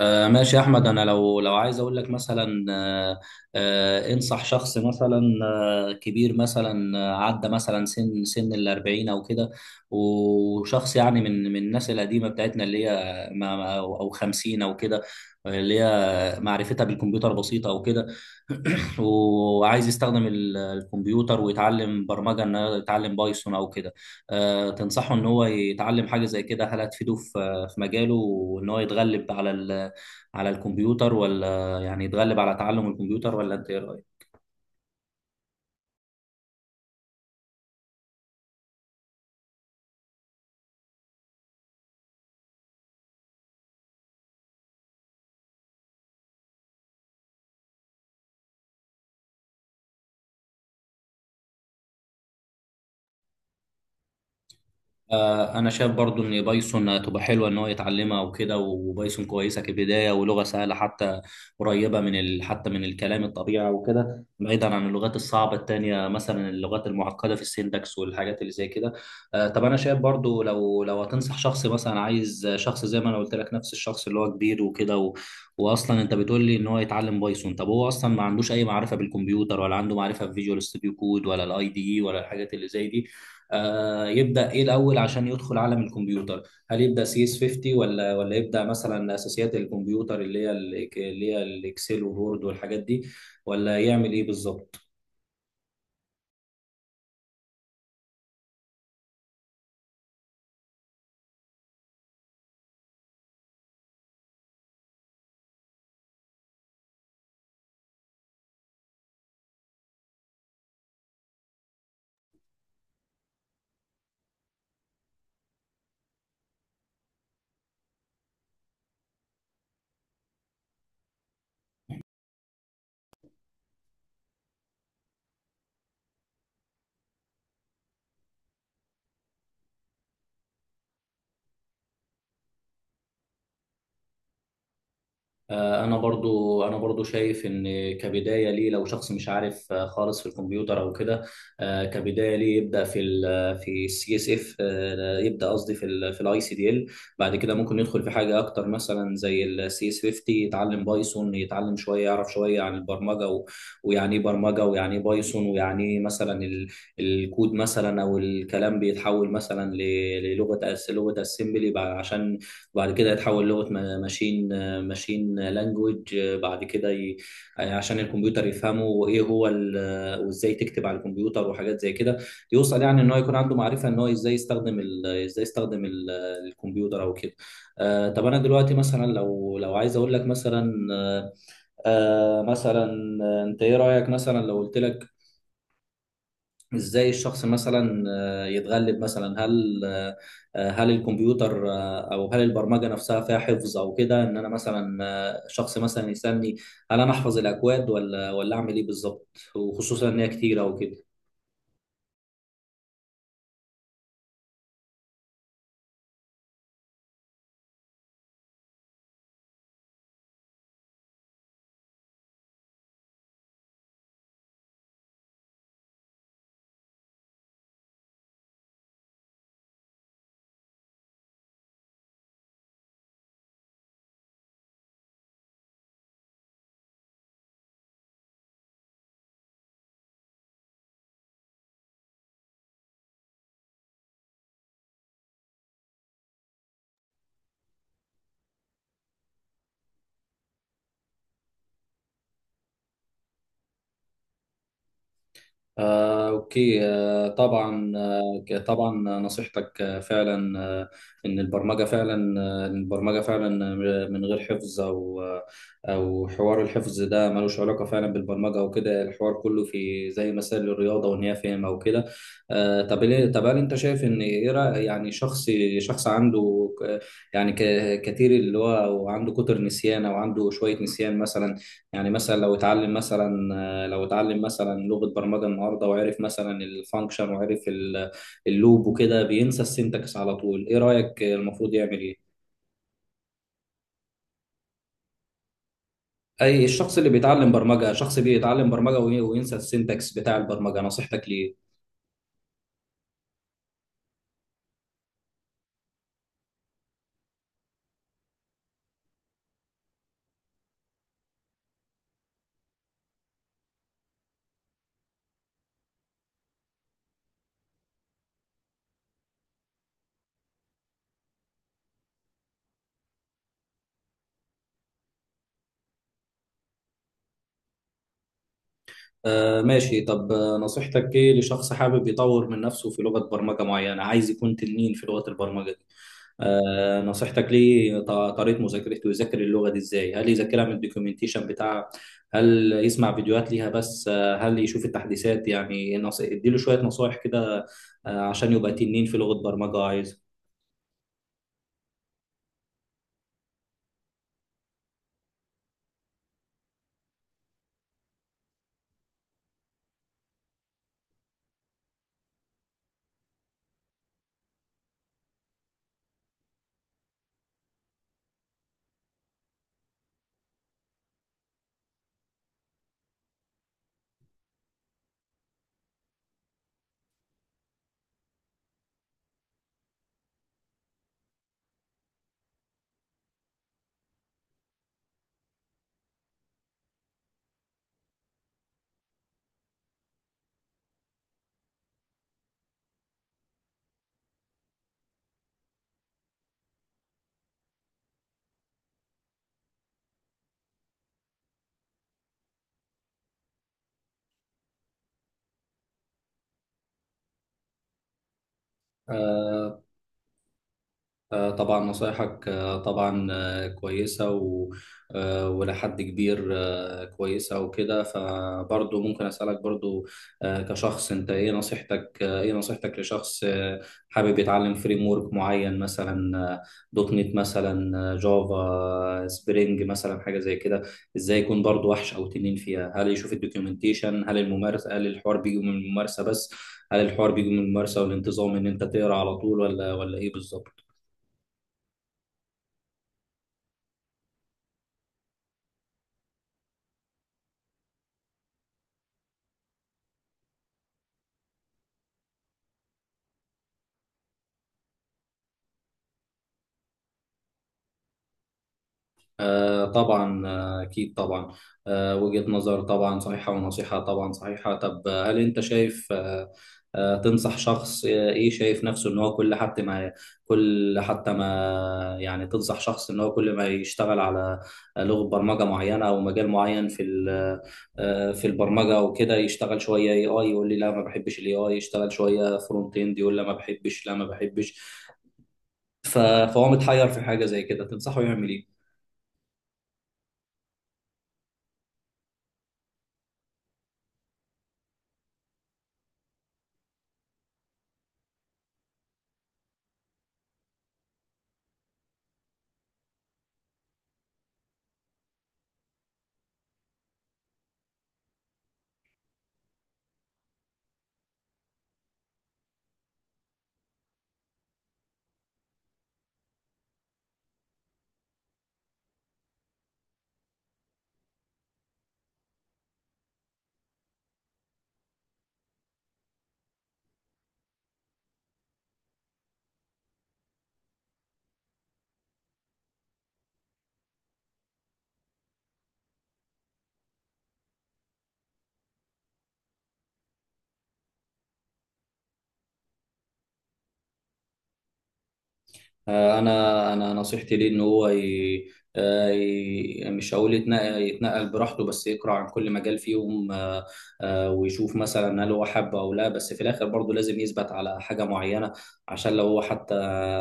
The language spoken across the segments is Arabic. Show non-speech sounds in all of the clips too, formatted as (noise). ماشي يا احمد. انا لو عايز اقول لك مثلا انصح شخص مثلا كبير مثلا، عدى مثلا سن الاربعين او كده، وشخص يعني من الناس القديمه بتاعتنا اللي هي أو 50 او كده، اللي هي معرفتها بالكمبيوتر بسيطه او كده. (clears throat) وعايز يستخدم الكمبيوتر ويتعلم برمجه، انه يتعلم بايثون او كده. تنصحه ان هو يتعلم حاجه زي كده؟ هل هتفيده في مجاله، وان هو يتغلب على الكمبيوتر، ولا يعني يتغلب على تعلم الكمبيوتر، ولا انت ايه رأيك؟ انا شايف برضو ان بايثون هتبقى حلوه ان هو يتعلمها وكده، وبايثون كويسه كبدايه، ولغه سهله، حتى قريبه من حتى من الكلام الطبيعي وكده، بعيدا عن اللغات الصعبه التانية، مثلا اللغات المعقده في السينتاكس والحاجات اللي زي كده. طب انا شايف برضو، لو هتنصح شخص مثلا، عايز شخص زي ما انا قلت لك، نفس الشخص اللي هو كبير وكده واصلا انت بتقول لي ان هو يتعلم بايثون. طب هو اصلا ما عندوش اي معرفه بالكمبيوتر، ولا عنده معرفه في فيجوال ستوديو كود، ولا الاي دي اي، ولا الحاجات اللي زي دي. يبدأ ايه الاول عشان يدخل عالم الكمبيوتر؟ هل يبدأ سي اس 50، ولا يبدأ مثلا اساسيات الكمبيوتر، اللي هي الاكسل وورد والحاجات دي؟ ولا يعمل ايه بالظبط؟ انا برضو شايف ان كبدايه ليه، لو شخص مش عارف خالص في الكمبيوتر او كده، كبدايه ليه يبدا في السي اس اف، يبدا قصدي في الاي سي دي ال. بعد كده ممكن يدخل في حاجه اكتر، مثلا زي السي اس 50، يتعلم بايثون، يتعلم شويه، يعرف شويه عن البرمجه، ويعني ايه برمجه، ويعني ايه بايثون، ويعني ايه مثلا الكود مثلا، او الكلام بيتحول مثلا للغه لغه اسمبلي، عشان بعد كده يتحول لغه ماشين ماشين لانجوج. بعد كده عشان الكمبيوتر يفهمه، وايه هو ال... آه، وازاي تكتب على الكمبيوتر وحاجات زي كده، يوصل يعني ان هو يكون عنده معرفه ان هو ازاي يستخدم ال... ازاي يستخدم ال... آه، الكمبيوتر او كده. طب انا دلوقتي مثلا، لو عايز اقول لك مثلا آه آه، مثلا آه، انت ايه رايك، مثلا لو قلت لك ازاي الشخص مثلا يتغلب مثلا؟ هل الكمبيوتر او هل البرمجه نفسها فيها حفظ او كده، ان انا مثلا شخص مثلا يسالني هل انا احفظ الاكواد ولا اعمل ايه بالظبط، وخصوصا ان هي كتيره وكده؟ أوكي. طبعا. طبعا نصيحتك فعلا، إن البرمجة فعلا من غير حفظ، أو حوار الحفظ ده ملوش علاقة فعلا بالبرمجة وكده. الحوار كله في زي مسائل الرياضة، وإن هي فهم أو كده. طب هل أنت شايف إن يعني شخص عنده كتير، اللي هو وعنده كتر نسيان، أو عنده شوية نسيان مثلا؟ يعني مثلا لو اتعلم مثلا لغة برمجة النهارده، وعرف مثلا الفانكشن، وعرف اللوب وكده، بينسى السنتكس على طول. ايه رأيك المفروض يعمل ايه؟ اي الشخص اللي بيتعلم برمجة، شخص بيتعلم برمجة وينسى السنتكس بتاع البرمجة، نصيحتك ليه؟ ماشي. طب نصيحتك ايه لشخص حابب يطور من نفسه في لغة برمجة معينة، عايز يكون تنين في لغة البرمجة دي؟ نصيحتك ليه، طريقة مذاكرته، يذاكر اللغة دي ازاي؟ هل يذاكرها من الدوكيومنتيشن بتاعها؟ هل يسمع فيديوهات ليها بس؟ هل يشوف التحديثات؟ يعني اديله شوية نصايح كده، عشان يبقى تنين في لغة برمجة عايزها. طبعا نصايحك طبعا كويسة وإلى حد كبير كويسة وكده. فبرضه ممكن أسألك برضه كشخص، أنت إيه نصيحتك لشخص حابب يتعلم فريم ورك معين، مثلا دوت نت، مثلا جافا، سبرينج مثلا، حاجة زي كده. إزاي يكون برضه وحش أو تنين فيها؟ هل يشوف الدوكيومنتيشن؟ هل الممارسة؟ هل الحوار بيجي من الممارسة بس، هل الحوار بيجي من الممارسة والانتظام إن أنت تقرأ على طول، ولا إيه بالظبط؟ طبعا. أكيد طبعا. وجهة نظر طبعا صحيحة، ونصيحة طبعا صحيحة. طب هل أنت شايف تنصح شخص إيه شايف نفسه إن هو كل حتى ما كل حتى ما يعني تنصح شخص إن هو كل ما يشتغل على لغة برمجة معينة، أو مجال معين في البرمجة وكده، يشتغل شوية اي اي، يقول لي لا ما بحبش الاي اي، يشتغل شوية فرونت اند، يقول لا ما بحبش، لا ما بحبش، فهو متحير في حاجة زي كده، تنصحه يعمل إيه؟ انا نصيحتي ليه ان هو مش هقول يتنقل, براحته، بس يقرا عن كل مجال فيهم. ويشوف مثلا هل هو حابه او لا، بس في الاخر برضه لازم يثبت على حاجه معينه. عشان لو هو حتى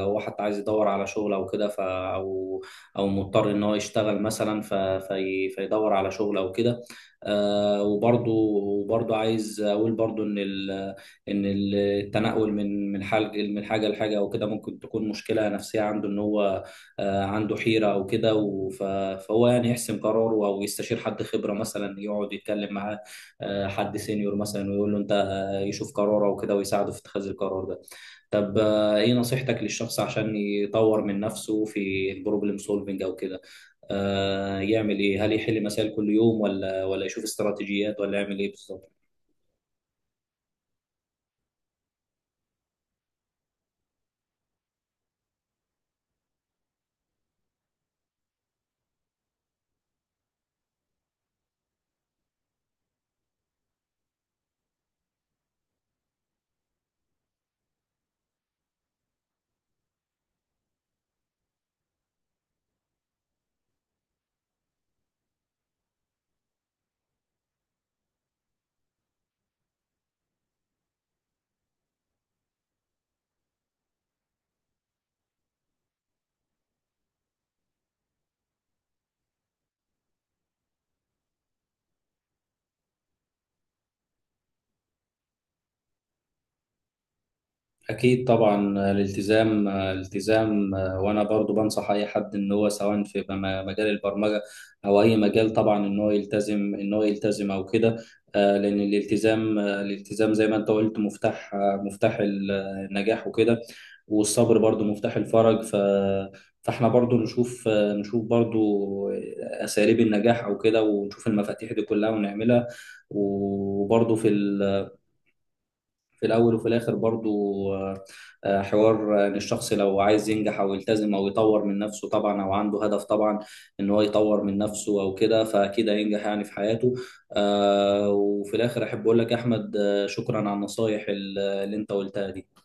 لو هو حتى عايز يدور على شغل او كده، او مضطر ان هو يشتغل مثلا فيدور على شغل او كده. وبرضه عايز اقول برضه ان التنقل من حاجه لحاجه او كده، ممكن تكون مشكله نفسيه عنده ان هو عنده حيره او كده، فهو يعني يحسم قراره، او يستشير حد خبره مثلا، يقعد يتكلم معاه حد سينيور مثلا، ويقول له انت يشوف قراره او كده، ويساعده في اتخاذ القرار ده. طب ايه نصيحتك للشخص عشان يطور من نفسه في البروبلم سولفنج او كده؟ يعمل ايه؟ هل يحل مسائل كل يوم، ولا يشوف استراتيجيات، ولا يعمل ايه بالظبط؟ أكيد طبعا. الالتزام، وأنا برضو بنصح أي حد إن هو، سواء في مجال البرمجة أو أي مجال، طبعا إن هو يلتزم أو كده. لأن الالتزام زي ما أنت قلت مفتاح النجاح وكده، والصبر برضو مفتاح الفرج. فاحنا برضو نشوف نشوف برضو أساليب النجاح أو كده، ونشوف المفاتيح دي كلها ونعملها. وبرضو في الاول وفي الاخر برضو آه، حوار ان الشخص لو عايز ينجح، او يلتزم، او يطور من نفسه طبعا، او عنده هدف طبعا ان هو يطور من نفسه او كده، فاكيد هينجح يعني في حياته. وفي الاخر احب اقول لك يا احمد، شكرا على النصايح اللي انت قلتها دي.